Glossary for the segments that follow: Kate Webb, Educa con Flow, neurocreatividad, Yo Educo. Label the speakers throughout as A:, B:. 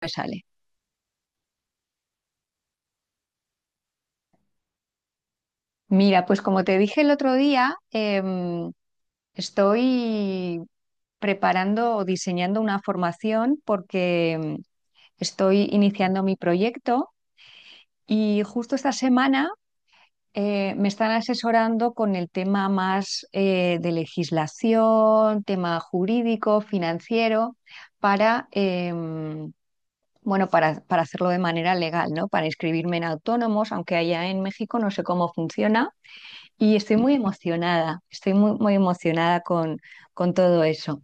A: Me sale. Mira, pues como te dije el otro día, estoy preparando o diseñando una formación porque estoy iniciando mi proyecto y justo esta semana me están asesorando con el tema más de legislación, tema jurídico, financiero, para, em, bueno, para hacerlo de manera legal, ¿no? Para inscribirme en autónomos, aunque allá en México no sé cómo funciona. Y estoy muy emocionada, estoy muy, muy emocionada con todo eso.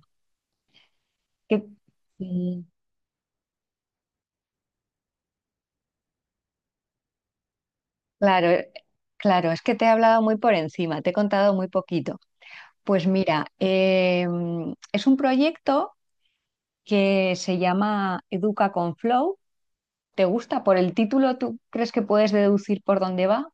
A: Que- Mm, Claro, claro, es que te he hablado muy por encima, te he contado muy poquito. Pues mira, es un proyecto que se llama Educa con Flow. ¿Te gusta por el título? ¿Tú crees que puedes deducir por dónde va?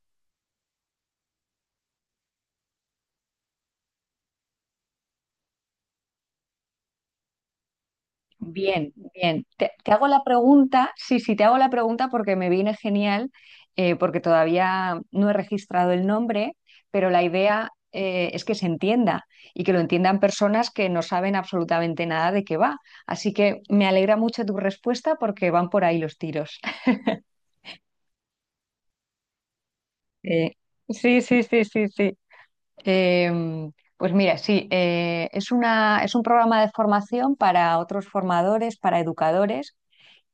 A: Bien, bien. Te hago la pregunta, sí, sí, te hago la pregunta porque me viene genial, porque todavía no he registrado el nombre, pero la idea es que se entienda y que lo entiendan personas que no saben absolutamente nada de qué va. Así que me alegra mucho tu respuesta porque van por ahí los tiros. Eh, sí, sí, sí, sí, sí. Eh, pues mira, sí, es un programa de formación para otros formadores, para educadores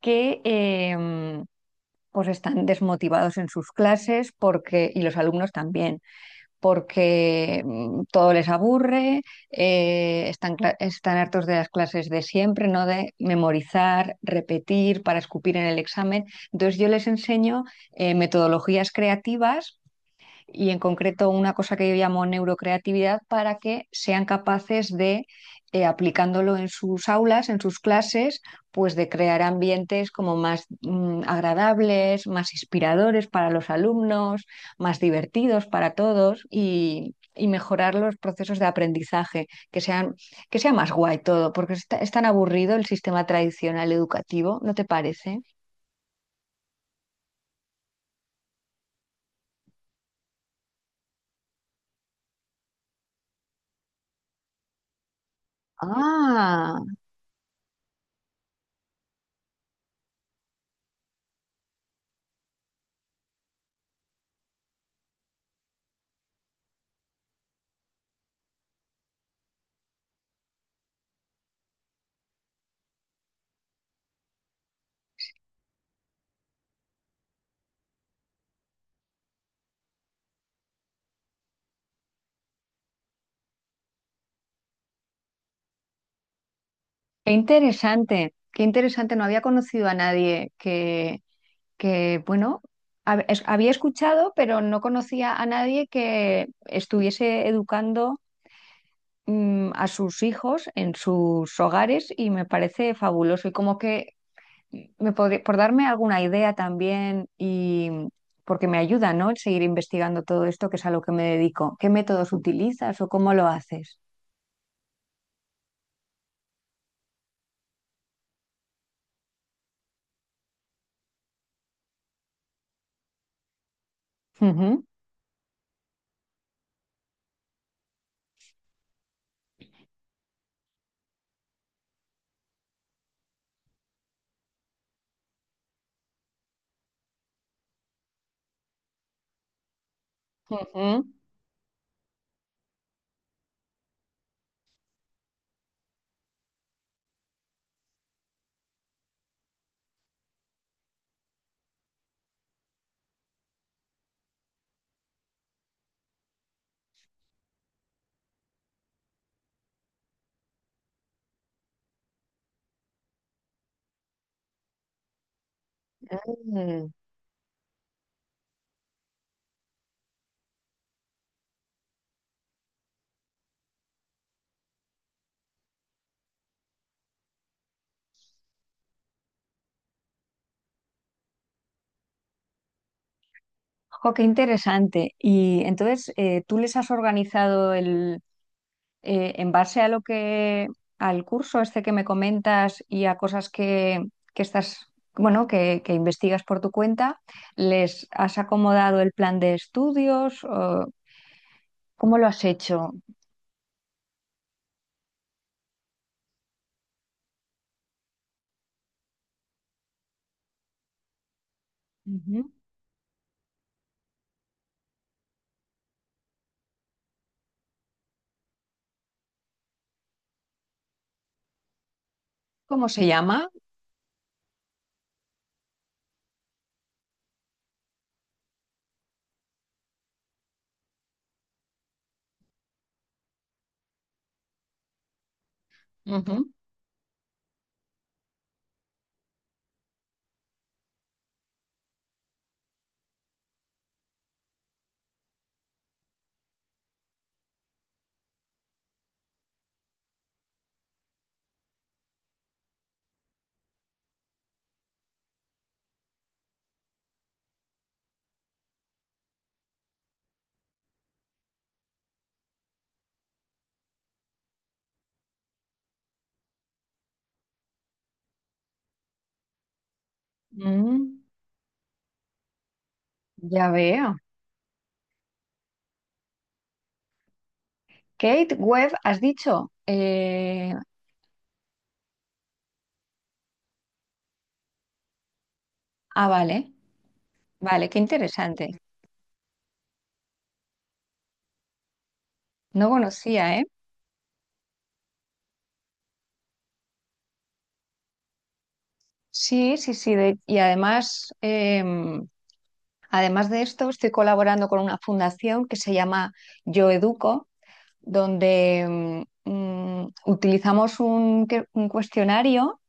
A: que... em, pues están desmotivados en sus clases porque, y los alumnos también, porque todo les aburre, están hartos de las clases de siempre, ¿no? De memorizar, repetir para escupir en el examen. Entonces yo les enseño metodologías creativas y en concreto una cosa que yo llamo neurocreatividad para que sean capaces de, aplicándolo en sus aulas, en sus clases, pues de crear ambientes como más agradables, más inspiradores para los alumnos, más divertidos para todos y mejorar los procesos de aprendizaje, que sean, que sea más guay todo, porque es tan aburrido el sistema tradicional educativo, ¿no te parece? Ah. Qué interesante, qué interesante. No había conocido a nadie que, que bueno, había escuchado, pero no conocía a nadie que estuviese educando a sus hijos en sus hogares y me parece fabuloso. Y como que me podría, por darme alguna idea también y porque me ayuda, ¿no? El seguir investigando todo esto, que es a lo que me dedico. ¿Qué métodos utilizas o cómo lo haces? Ujú, ujú. Mm. Jo, qué interesante. Y entonces, ¿tú les has organizado el, en base a lo que, al curso este que me comentas y a cosas que estás, bueno, que investigas por tu cuenta, ¿les has acomodado el plan de estudios? O ¿cómo lo has hecho? Ujú. ¿Cómo se llama? Ujú. Mm, ya veo. Kate Webb, has dicho. Vale, vale, qué interesante. No conocía, ¿eh? Sí, sí, sí. Y además, además de esto, estoy colaborando con una fundación que se llama Yo Educo, donde utilizamos un cuestionario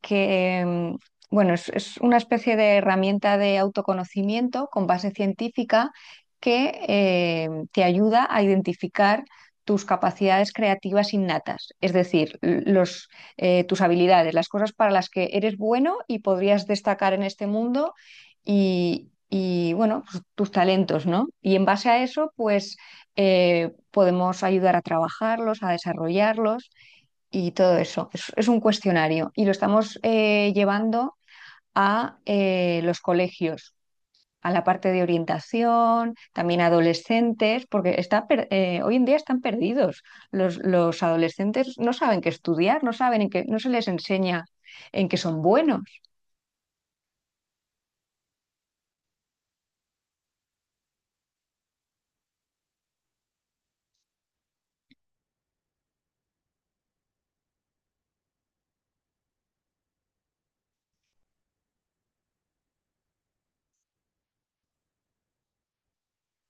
A: que, em, bueno, es una especie de herramienta de autoconocimiento con base científica que te ayuda a identificar tus capacidades creativas innatas, es decir, tus habilidades, las cosas para las que eres bueno y podrías destacar en este mundo y, bueno, pues, tus talentos, ¿no? Y en base a eso, pues podemos ayudar a trabajarlos, a desarrollarlos y todo eso. Es un cuestionario y lo estamos llevando a los colegios, a la parte de orientación, también adolescentes, porque hoy en día están perdidos. Los adolescentes no saben qué estudiar, no saben en qué, no se les enseña en qué son buenos.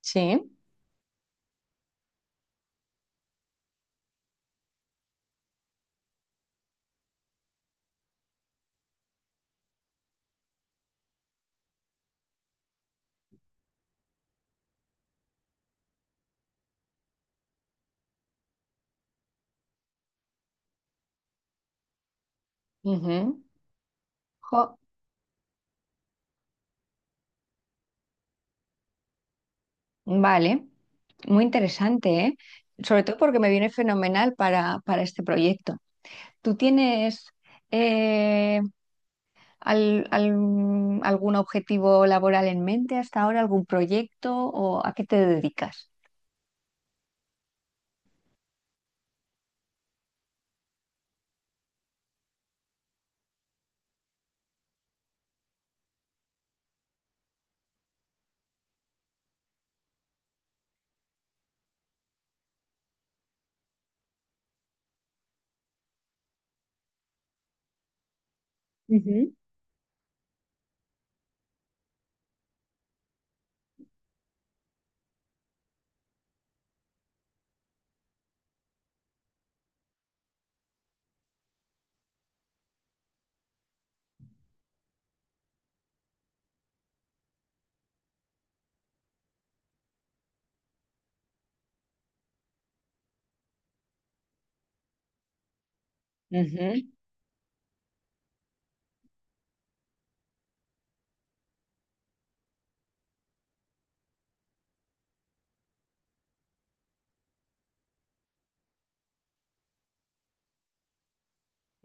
A: Sí. Ujú. Jo, vale, muy interesante, ¿eh? Sobre todo porque me viene fenomenal para este proyecto. ¿Tú tienes eh, algún objetivo laboral en mente hasta ahora, algún proyecto o a qué te dedicas? Ujú, ujú,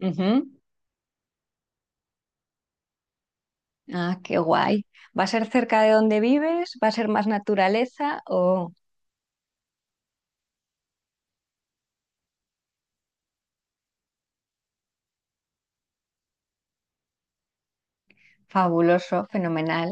A: ujú. Ah, qué guay. ¿Va a ser cerca de donde vives? ¿Va a ser más naturaleza? Oh, fabuloso, fenomenal.